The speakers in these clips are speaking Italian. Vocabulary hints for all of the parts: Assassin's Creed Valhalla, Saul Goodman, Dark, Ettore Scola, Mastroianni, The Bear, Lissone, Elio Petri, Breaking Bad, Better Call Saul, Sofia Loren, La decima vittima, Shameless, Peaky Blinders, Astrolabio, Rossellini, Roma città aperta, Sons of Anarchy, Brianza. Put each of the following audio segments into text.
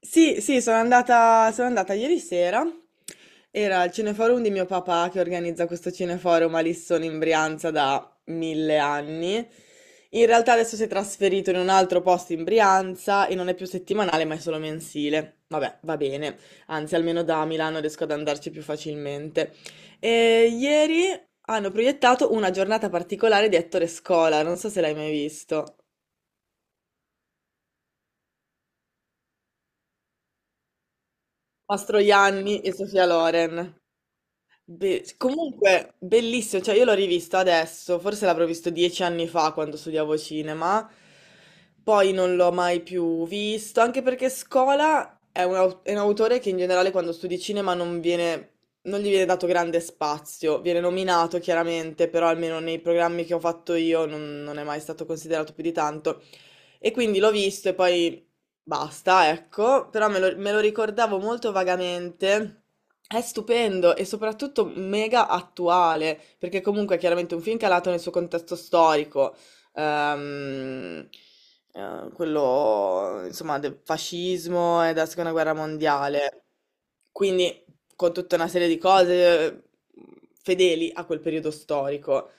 Sì, sì, sono andata ieri sera. Era il cineforum di mio papà che organizza questo cineforum a Lissone in Brianza da mille anni. In realtà adesso si è trasferito in un altro posto in Brianza e non è più settimanale, ma è solo mensile. Vabbè, va bene. Anzi, almeno da Milano riesco ad andarci più facilmente. E ieri hanno proiettato una giornata particolare di Ettore Scola, non so se l'hai mai visto. Mastroianni e Sofia Loren. Comunque, bellissimo, cioè io l'ho rivisto adesso, forse l'avrò visto 10 anni fa quando studiavo cinema, poi non l'ho mai più visto, anche perché Scola è è un autore che in generale quando studi cinema non gli viene dato grande spazio, viene nominato chiaramente, però almeno nei programmi che ho fatto io non è mai stato considerato più di tanto. E quindi l'ho visto e poi basta, ecco, però me lo ricordavo molto vagamente. È stupendo e soprattutto mega attuale, perché comunque è chiaramente un film calato nel suo contesto storico, ehm, quello insomma del fascismo e della seconda guerra mondiale, quindi con tutta una serie di cose, fedeli a quel periodo storico.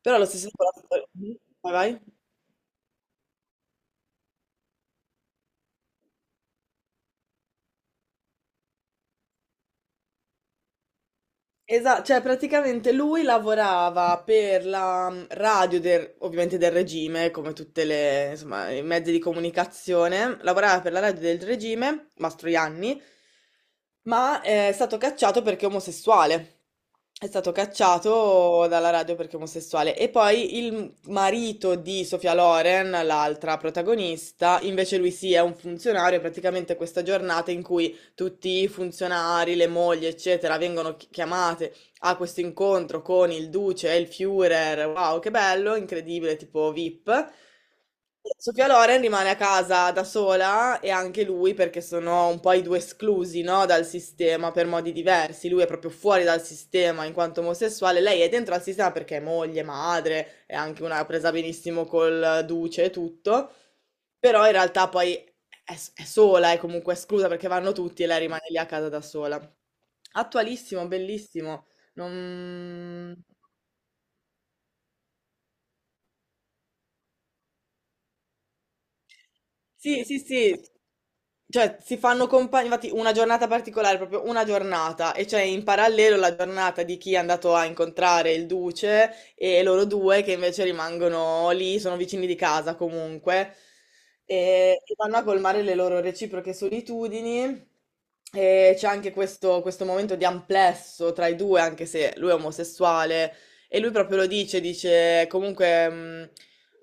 Però allo stesso tempo Mhm. Vai, vai. Esatto, cioè praticamente lui lavorava per la radio ovviamente del regime, come tutte, insomma, i mezzi di comunicazione, lavorava per la radio del regime, Mastroianni, ma è stato cacciato perché omosessuale. È stato cacciato dalla radio perché omosessuale. E poi il marito di Sofia Loren, l'altra protagonista, invece lui sì, è un funzionario, è praticamente questa giornata in cui tutti i funzionari, le mogli, eccetera, vengono chiamate, ha questo incontro con il duce e il Führer, wow, che bello, incredibile, tipo VIP. Sofia Loren rimane a casa da sola e anche lui perché sono un po' i due esclusi, no, dal sistema per modi diversi. Lui è proprio fuori dal sistema in quanto omosessuale, lei è dentro al sistema perché è moglie, madre, è anche una presa benissimo col duce e tutto. Però in realtà poi è sola, è comunque esclusa perché vanno tutti e lei rimane lì a casa da sola. Attualissimo, bellissimo. Non... Sì, sì, sì. Cioè, si fanno compagni, infatti una giornata particolare, proprio una giornata, e cioè in parallelo la giornata di chi è andato a incontrare il duce e loro due che invece rimangono lì, sono vicini di casa comunque, e vanno a colmare le loro reciproche solitudini. E c'è anche questo momento di amplesso tra i due, anche se lui è omosessuale, e lui proprio lo dice comunque. mh,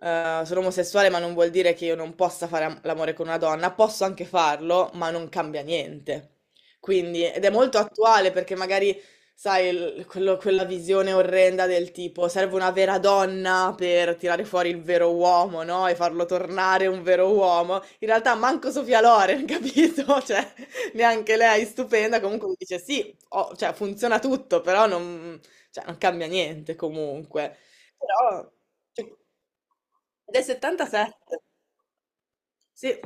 Ehm, Sono omosessuale, ma non vuol dire che io non possa fare am l'amore con una donna. Posso anche farlo, ma non cambia niente. Quindi ed è molto attuale perché magari, sai, il quello quella visione orrenda del tipo: serve una vera donna per tirare fuori il vero uomo, no, e farlo tornare un vero uomo. In realtà manco Sofia Loren, capito, cioè neanche lei è stupenda, comunque mi dice: "Sì, ho cioè funziona tutto, però non cambia niente comunque". Però, cioè, del 77, sì,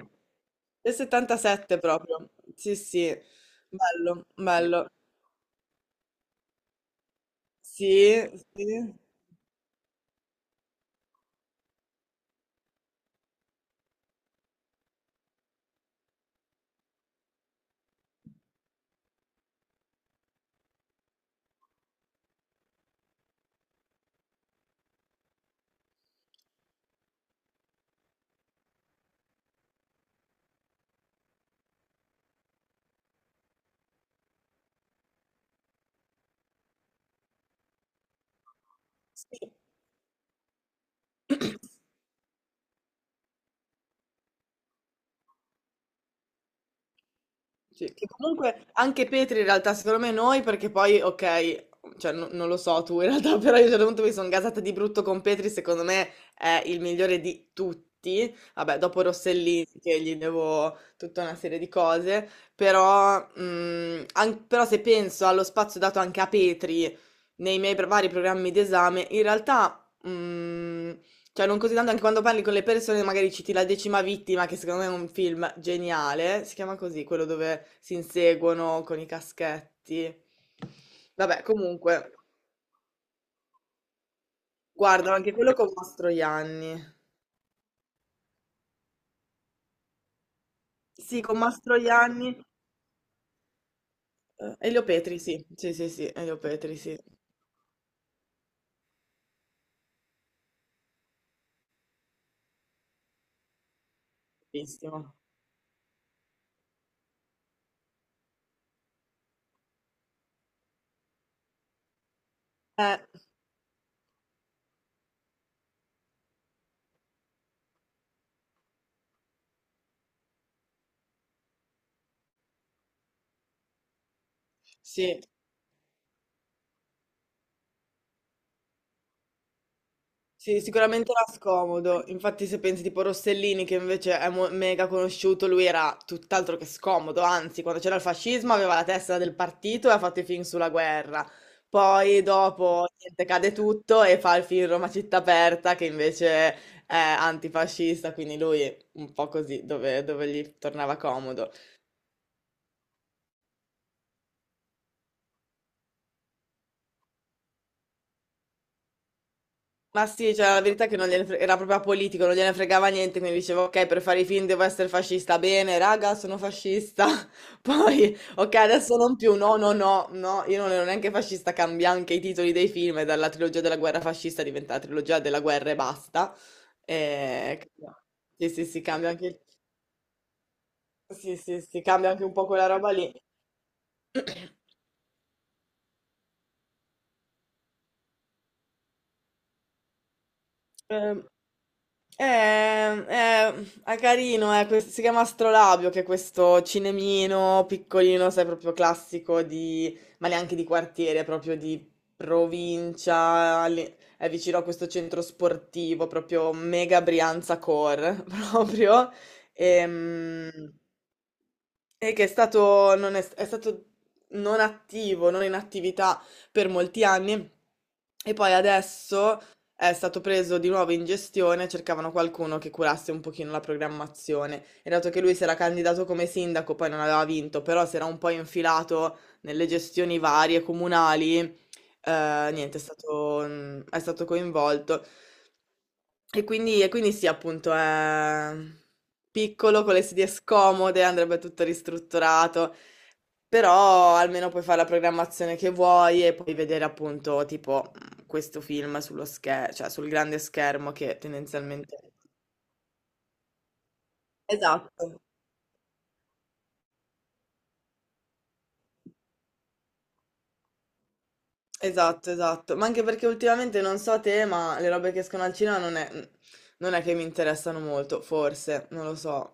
del 77 proprio, sì, sì, bello, bello, sì, sì, sì. Sì, che comunque anche Petri in realtà secondo me noi perché poi ok, cioè non lo so tu in realtà, però io a un certo punto mi sono gasata di brutto con Petri, secondo me è il migliore di tutti, vabbè dopo Rossellini che gli devo tutta una serie di cose, però se penso allo spazio dato anche a Petri nei miei vari programmi d'esame, in realtà cioè, non così tanto anche quando parli con le persone, magari citi La decima vittima, che secondo me è un film geniale. Si chiama così, quello dove si inseguono con i caschetti. Vabbè, comunque, guardano anche quello con Mastroianni. Sì, con Mastroianni. Elio Petri, sì. Sì, sì, sì, Elio Petri, sì. Bellissimo. Eh, sì. Sì, sicuramente era scomodo. Infatti, se pensi tipo Rossellini, che invece è mega conosciuto, lui era tutt'altro che scomodo. Anzi, quando c'era il fascismo aveva la testa del partito e ha fatto i film sulla guerra. Poi dopo niente, cade tutto e fa il film Roma città aperta, che invece è antifascista, quindi lui un po' così, dove gli tornava comodo. Ma sì, cioè, la verità è che non gliene era proprio apolitico, non gliene fregava niente, quindi dicevo, ok, per fare i film devo essere fascista, bene, raga, sono fascista. Poi, ok, adesso non più, no, no, no, no, io non ero neanche fascista, cambia anche i titoli dei film, e dalla trilogia della guerra fascista diventa la trilogia della guerra e basta. E... Sì, sì, sì, cambia anche, sì, sì, sì, cambia anche un po' quella roba lì. Ehm, Eh, eh, è carino, si chiama Astrolabio, che è questo cinemino piccolino, sai, proprio classico di, ma neanche di quartiere, proprio di provincia, lì, è vicino a questo centro sportivo, proprio mega Brianza Core, proprio. Ehm, e che è stato, non è, è stato non attivo, non in attività per molti anni e poi adesso è stato preso di nuovo in gestione, cercavano qualcuno che curasse un pochino la programmazione e dato che lui si era candidato come sindaco, poi non aveva vinto, però si era un po' infilato nelle gestioni varie comunali, niente, è stato coinvolto. E quindi sì, appunto, è piccolo, con le sedie scomode, andrebbe tutto ristrutturato, però almeno puoi fare la programmazione che vuoi e puoi vedere appunto tipo questo film sullo schermo, cioè sul grande schermo che tendenzialmente... Esatto, esatto, esatto. Ma anche perché ultimamente non so te, ma le robe che escono al cinema non è che mi interessano molto, forse, non lo so.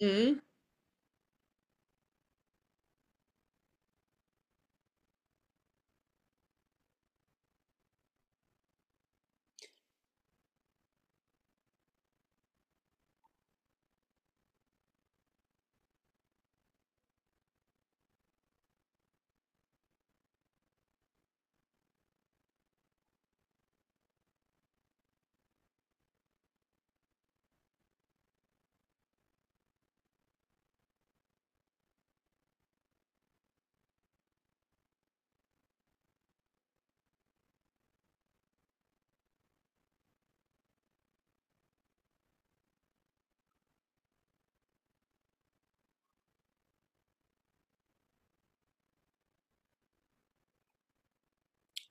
Mm?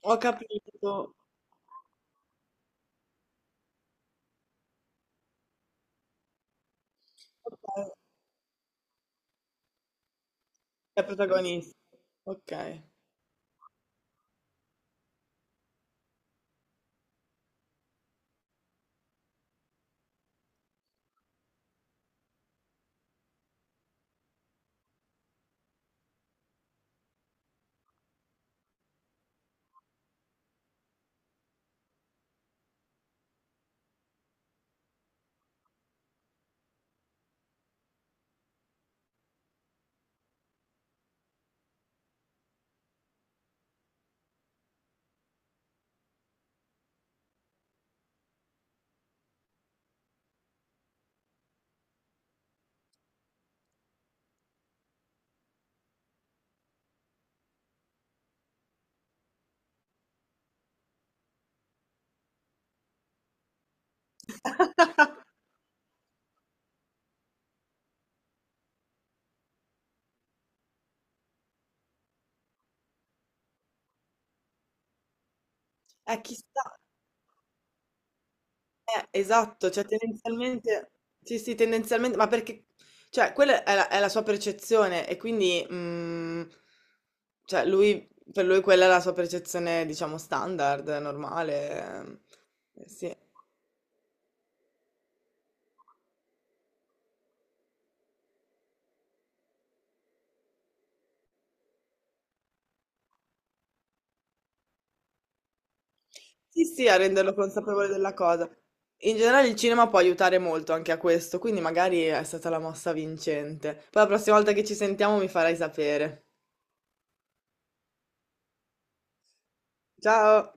Ho capito. Ok, è protagonista. Ok. Chissà, esatto, cioè tendenzialmente, sì, sì, tendenzialmente, ma perché, cioè, quella è la sua percezione e quindi, cioè, per lui quella è la sua percezione, diciamo, standard, normale, sì. Sì, sì, a renderlo consapevole della cosa. In generale il cinema può aiutare molto anche a questo, quindi magari è stata la mossa vincente. Poi la prossima volta che ci sentiamo mi farai sapere. Ciao!